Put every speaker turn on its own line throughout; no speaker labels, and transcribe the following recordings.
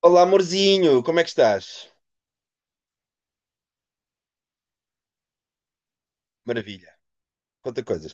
Olá, amorzinho, como é que estás? Maravilha, conta coisas.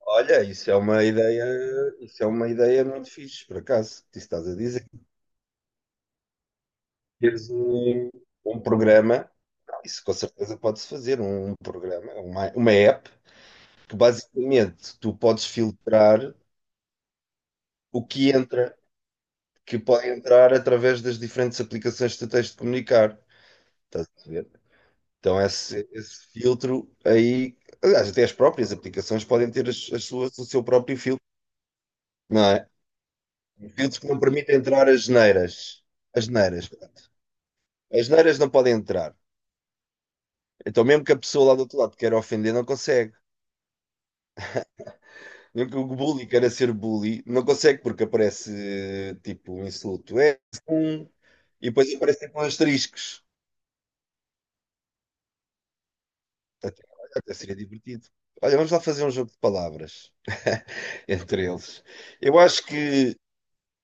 Olha, isso é uma ideia muito fixe, por acaso, que estás a dizer. Teres um programa, isso com certeza pode-se fazer, um programa, uma app, que basicamente tu podes filtrar o que entra, que pode entrar através das diferentes aplicações que tu tens de comunicar. Estás a ver? Então esse filtro aí, aliás, até as próprias aplicações podem ter as suas, o seu próprio filtro. Não é? Filtros que não permitem entrar as neiras. As neiras. As neiras não podem entrar. Então, mesmo que a pessoa lá do outro lado queira ofender, não consegue. Mesmo que o bully queira ser bully, não consegue porque aparece tipo um insulto. É um. E depois aparecem com asteriscos. Até, até seria divertido. Olha, vamos lá fazer um jogo de palavras entre eles. Eu acho que.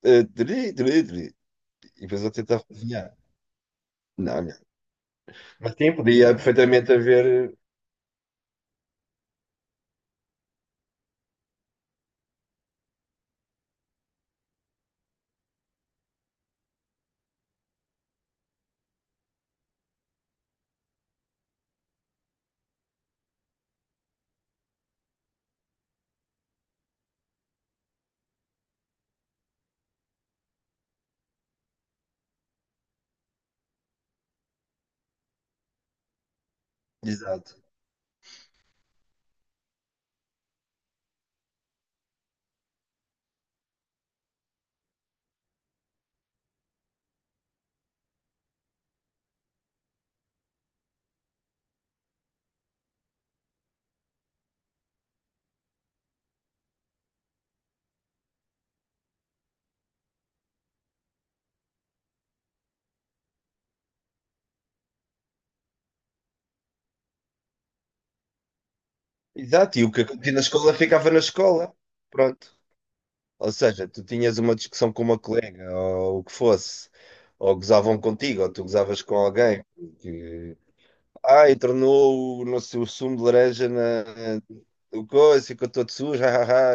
Tri, tri, tri. E depois eu tentar adivinhar. Não, não. Mas sim, podia perfeitamente haver. Exato. Exato, e o que acontecia na escola ficava na escola. Pronto. Ou seja, tu tinhas uma discussão com uma colega ou o que fosse, ou gozavam contigo, ou tu gozavas com alguém, porque ai, tornou o, não sei, o sumo de laranja na o coisa, ficou todo sujo, ah,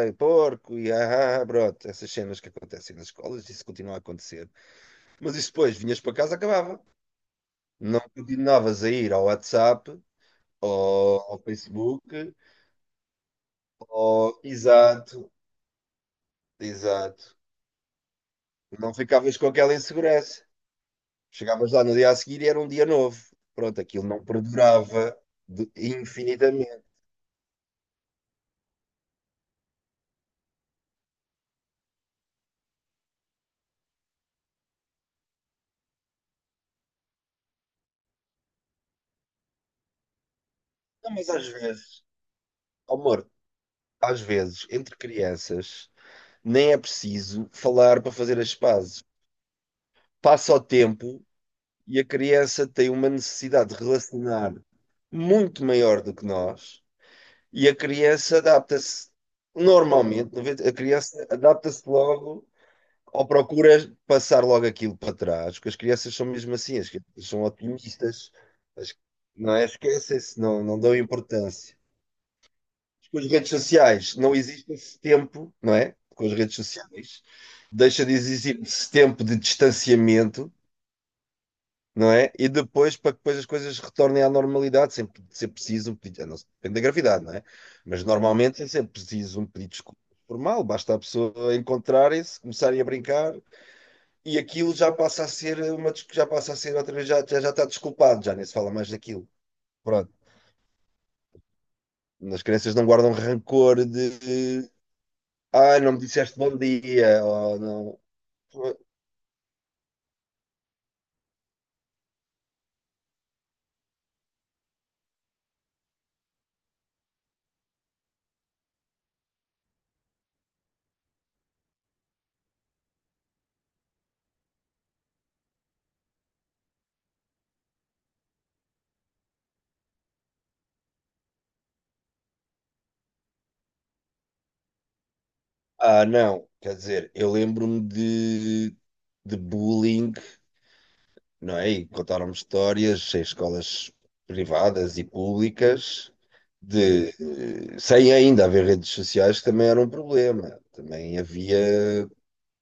ah, ah, porco, e ah, ah, ah", pronto, essas cenas que acontecem nas escolas, isso continua a acontecer. Mas isso depois, vinhas para casa, acabava. Não continuavas a ir ao WhatsApp, ou ao Facebook, ou exato. Exato. Não ficavas com aquela insegurança. Chegavas lá no dia a seguir e era um dia novo. Pronto, aquilo não perdurava infinitamente. Não, mas às vezes, oh, amor, às vezes, entre crianças, nem é preciso falar para fazer as pazes. Passa o tempo e a criança tem uma necessidade de relacionar muito maior do que nós e a criança adapta-se normalmente, 90 a criança adapta-se logo ou procuras passar logo aquilo para trás, porque as crianças são mesmo assim, as crianças são otimistas, as- não é? Esquecem-se, não, não dão importância. Com as redes sociais não existe esse tempo, não é? Com as redes sociais deixa de existir esse tempo de distanciamento, não é? E depois, para que depois as coisas retornem à normalidade, sempre ser preciso um pedido, a não ser- depende da gravidade, não é? Mas normalmente é sempre preciso um pedido de desculpa formal, basta a pessoa encontrarem-se, começarem a brincar. E aquilo já passa a ser já passa a ser outra vez, já está desculpado, já nem se fala mais daquilo. Pronto. As crianças não guardam rancor de, de não me disseste bom dia, ou não. Ah, não. Quer dizer, eu lembro-me de bullying, não é? E contaram-me histórias em escolas privadas e públicas, de, sem ainda haver redes sociais, que também era um problema. Também havia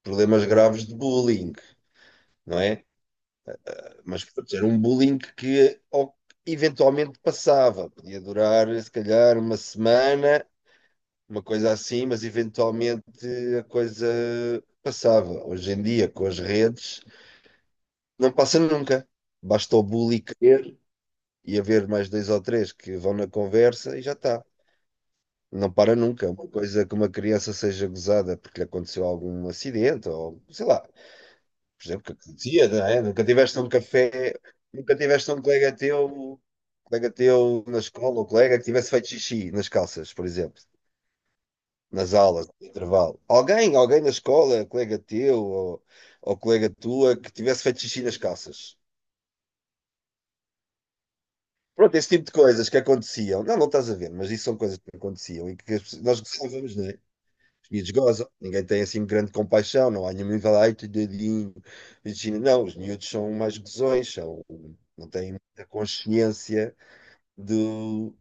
problemas graves de bullying, não é? Mas portanto, era um bullying que eventualmente passava. Podia durar, se calhar, uma semana, uma coisa assim, mas eventualmente a coisa passava. Hoje em dia, com as redes, não passa nunca. Basta o bully querer e haver mais dois ou três que vão na conversa e já está. Não para nunca. Uma coisa que uma criança seja gozada porque lhe aconteceu algum acidente ou sei lá. Por exemplo, que acontecia, não é? Nunca tiveste um café, nunca tiveste um colega teu na escola, ou colega que tivesse feito xixi nas calças, por exemplo, nas aulas, no intervalo. Alguém na escola, colega teu ou colega tua, que tivesse feito xixi nas calças. Pronto, esse tipo de coisas que aconteciam. Não, não estás a ver, mas isso são coisas que aconteciam e que as nós gostávamos, não é? Os miúdos gozam, ninguém tem assim grande compaixão, não há nenhum nível, ai, teu dedinho, Virginia. Não, os miúdos são mais gozões, não têm muita consciência do.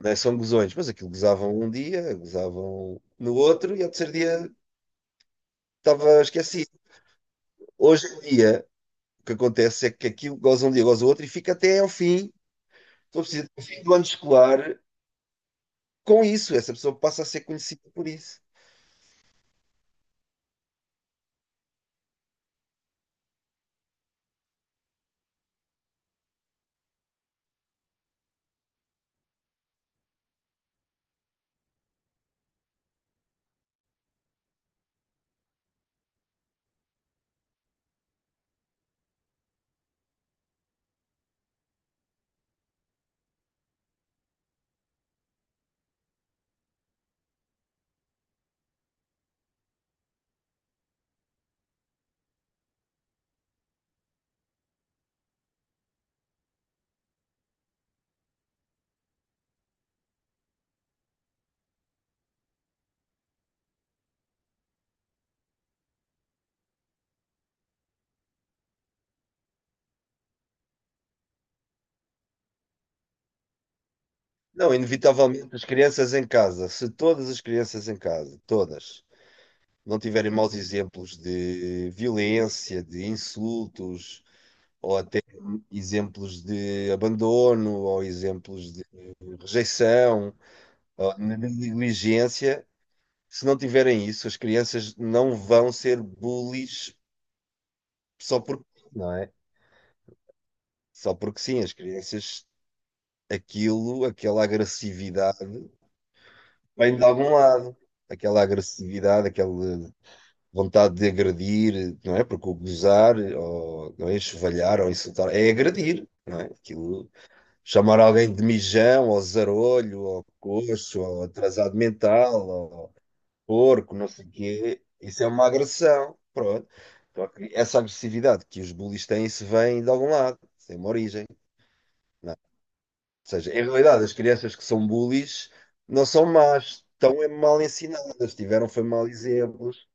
Né, são gozões, mas aquilo gozavam um dia, gozavam no outro e ao terceiro dia estava esquecido. Hoje em dia, o que acontece é que aquilo goza um dia, goza o outro e fica até ao fim. Estou precisando do fim do ano escolar com isso. Essa pessoa passa a ser conhecida por isso. Não, inevitavelmente, as crianças em casa, se todas as crianças em casa, todas, não tiverem maus exemplos de violência, de insultos, ou até exemplos de abandono, ou exemplos de rejeição, ou de negligência, se não tiverem isso, as crianças não vão ser bullies só porque, não é? Só porque sim, as crianças, aquilo, aquela agressividade, vem de algum lado. Aquela agressividade, aquele vontade de agredir, não é? Porque o gozar, ou não é? Enxovalhar ou insultar, é agredir, não é? Aquilo, chamar alguém de mijão, ou zarolho, ou coxo, ou atrasado mental, ou porco, não sei o quê, isso é uma agressão, pronto. Então, essa agressividade que os bullies têm, se vem de algum lado, tem uma origem, não é? Ou seja, em realidade, as crianças que são bullies não são más, estão é mal ensinadas, tiveram foi mal exemplos.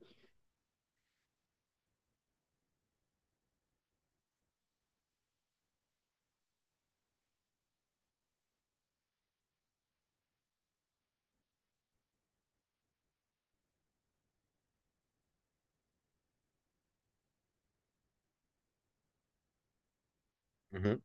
Uhum.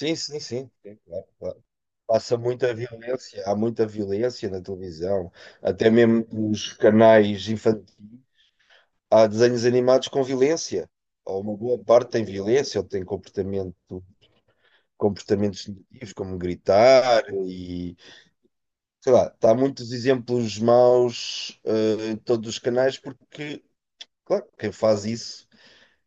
Sim, sim, sim, sim, claro, claro. Passa muita violência, há muita violência na televisão, até mesmo nos canais infantis, há desenhos animados com violência, ou uma boa parte tem violência, ou tem comportamentos negativos, como gritar e sei lá, há muitos exemplos maus em todos os canais, porque, claro, quem faz isso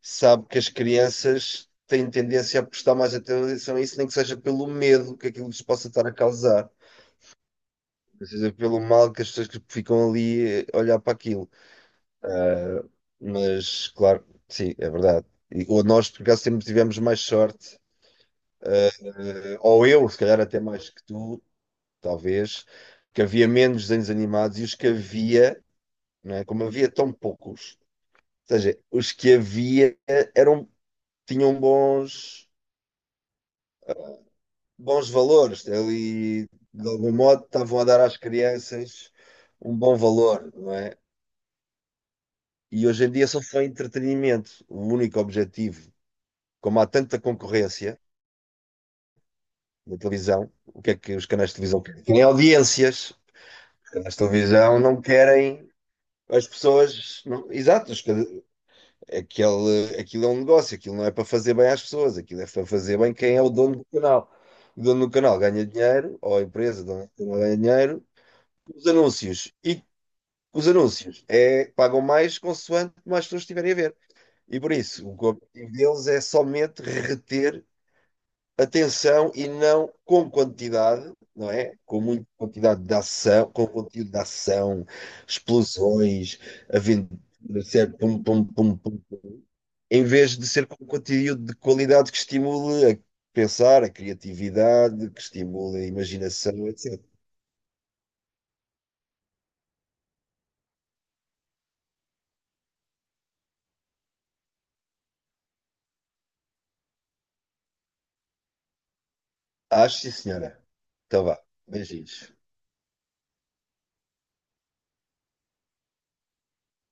sabe que as crianças têm tendência a prestar mais atenção a isso, nem que seja pelo medo que aquilo lhes possa estar a causar. Ou seja, pelo mal que as pessoas que ficam ali a olhar para aquilo. Mas, claro, sim, é verdade. E, ou nós, por acaso, sempre tivemos mais sorte, ou eu, se calhar até mais que tu, talvez, que havia menos desenhos animados e os que havia, não é? Como havia tão poucos, ou seja, os que havia eram, tinham bons, bons valores, ali, de algum modo, estavam a dar às crianças um bom valor, não é? E hoje em dia só foi entretenimento, o único objetivo, como há tanta concorrência na televisão, o que é que os canais de televisão querem? Querem audiências. Os canais de televisão não querem as pessoas. Não, exato, aquilo é um negócio, aquilo não é para fazer bem às pessoas, aquilo é para fazer bem quem é o dono do canal. O dono do canal ganha dinheiro, ou a empresa dona do canal ganha dinheiro, com os anúncios. E os anúncios pagam mais consoante mais pessoas estiverem a ver. E por isso, o objetivo deles é somente reter atenção e não com quantidade, não é? Com muita quantidade de ação, com conteúdo de ação, explosões, aventuras, certo? Pum, pum, pum, pum, pum. Em vez de ser com conteúdo de qualidade que estimule a pensar, a criatividade, que estimule a imaginação, etc. Acho, sim, senhora. Então vá, beijinhos.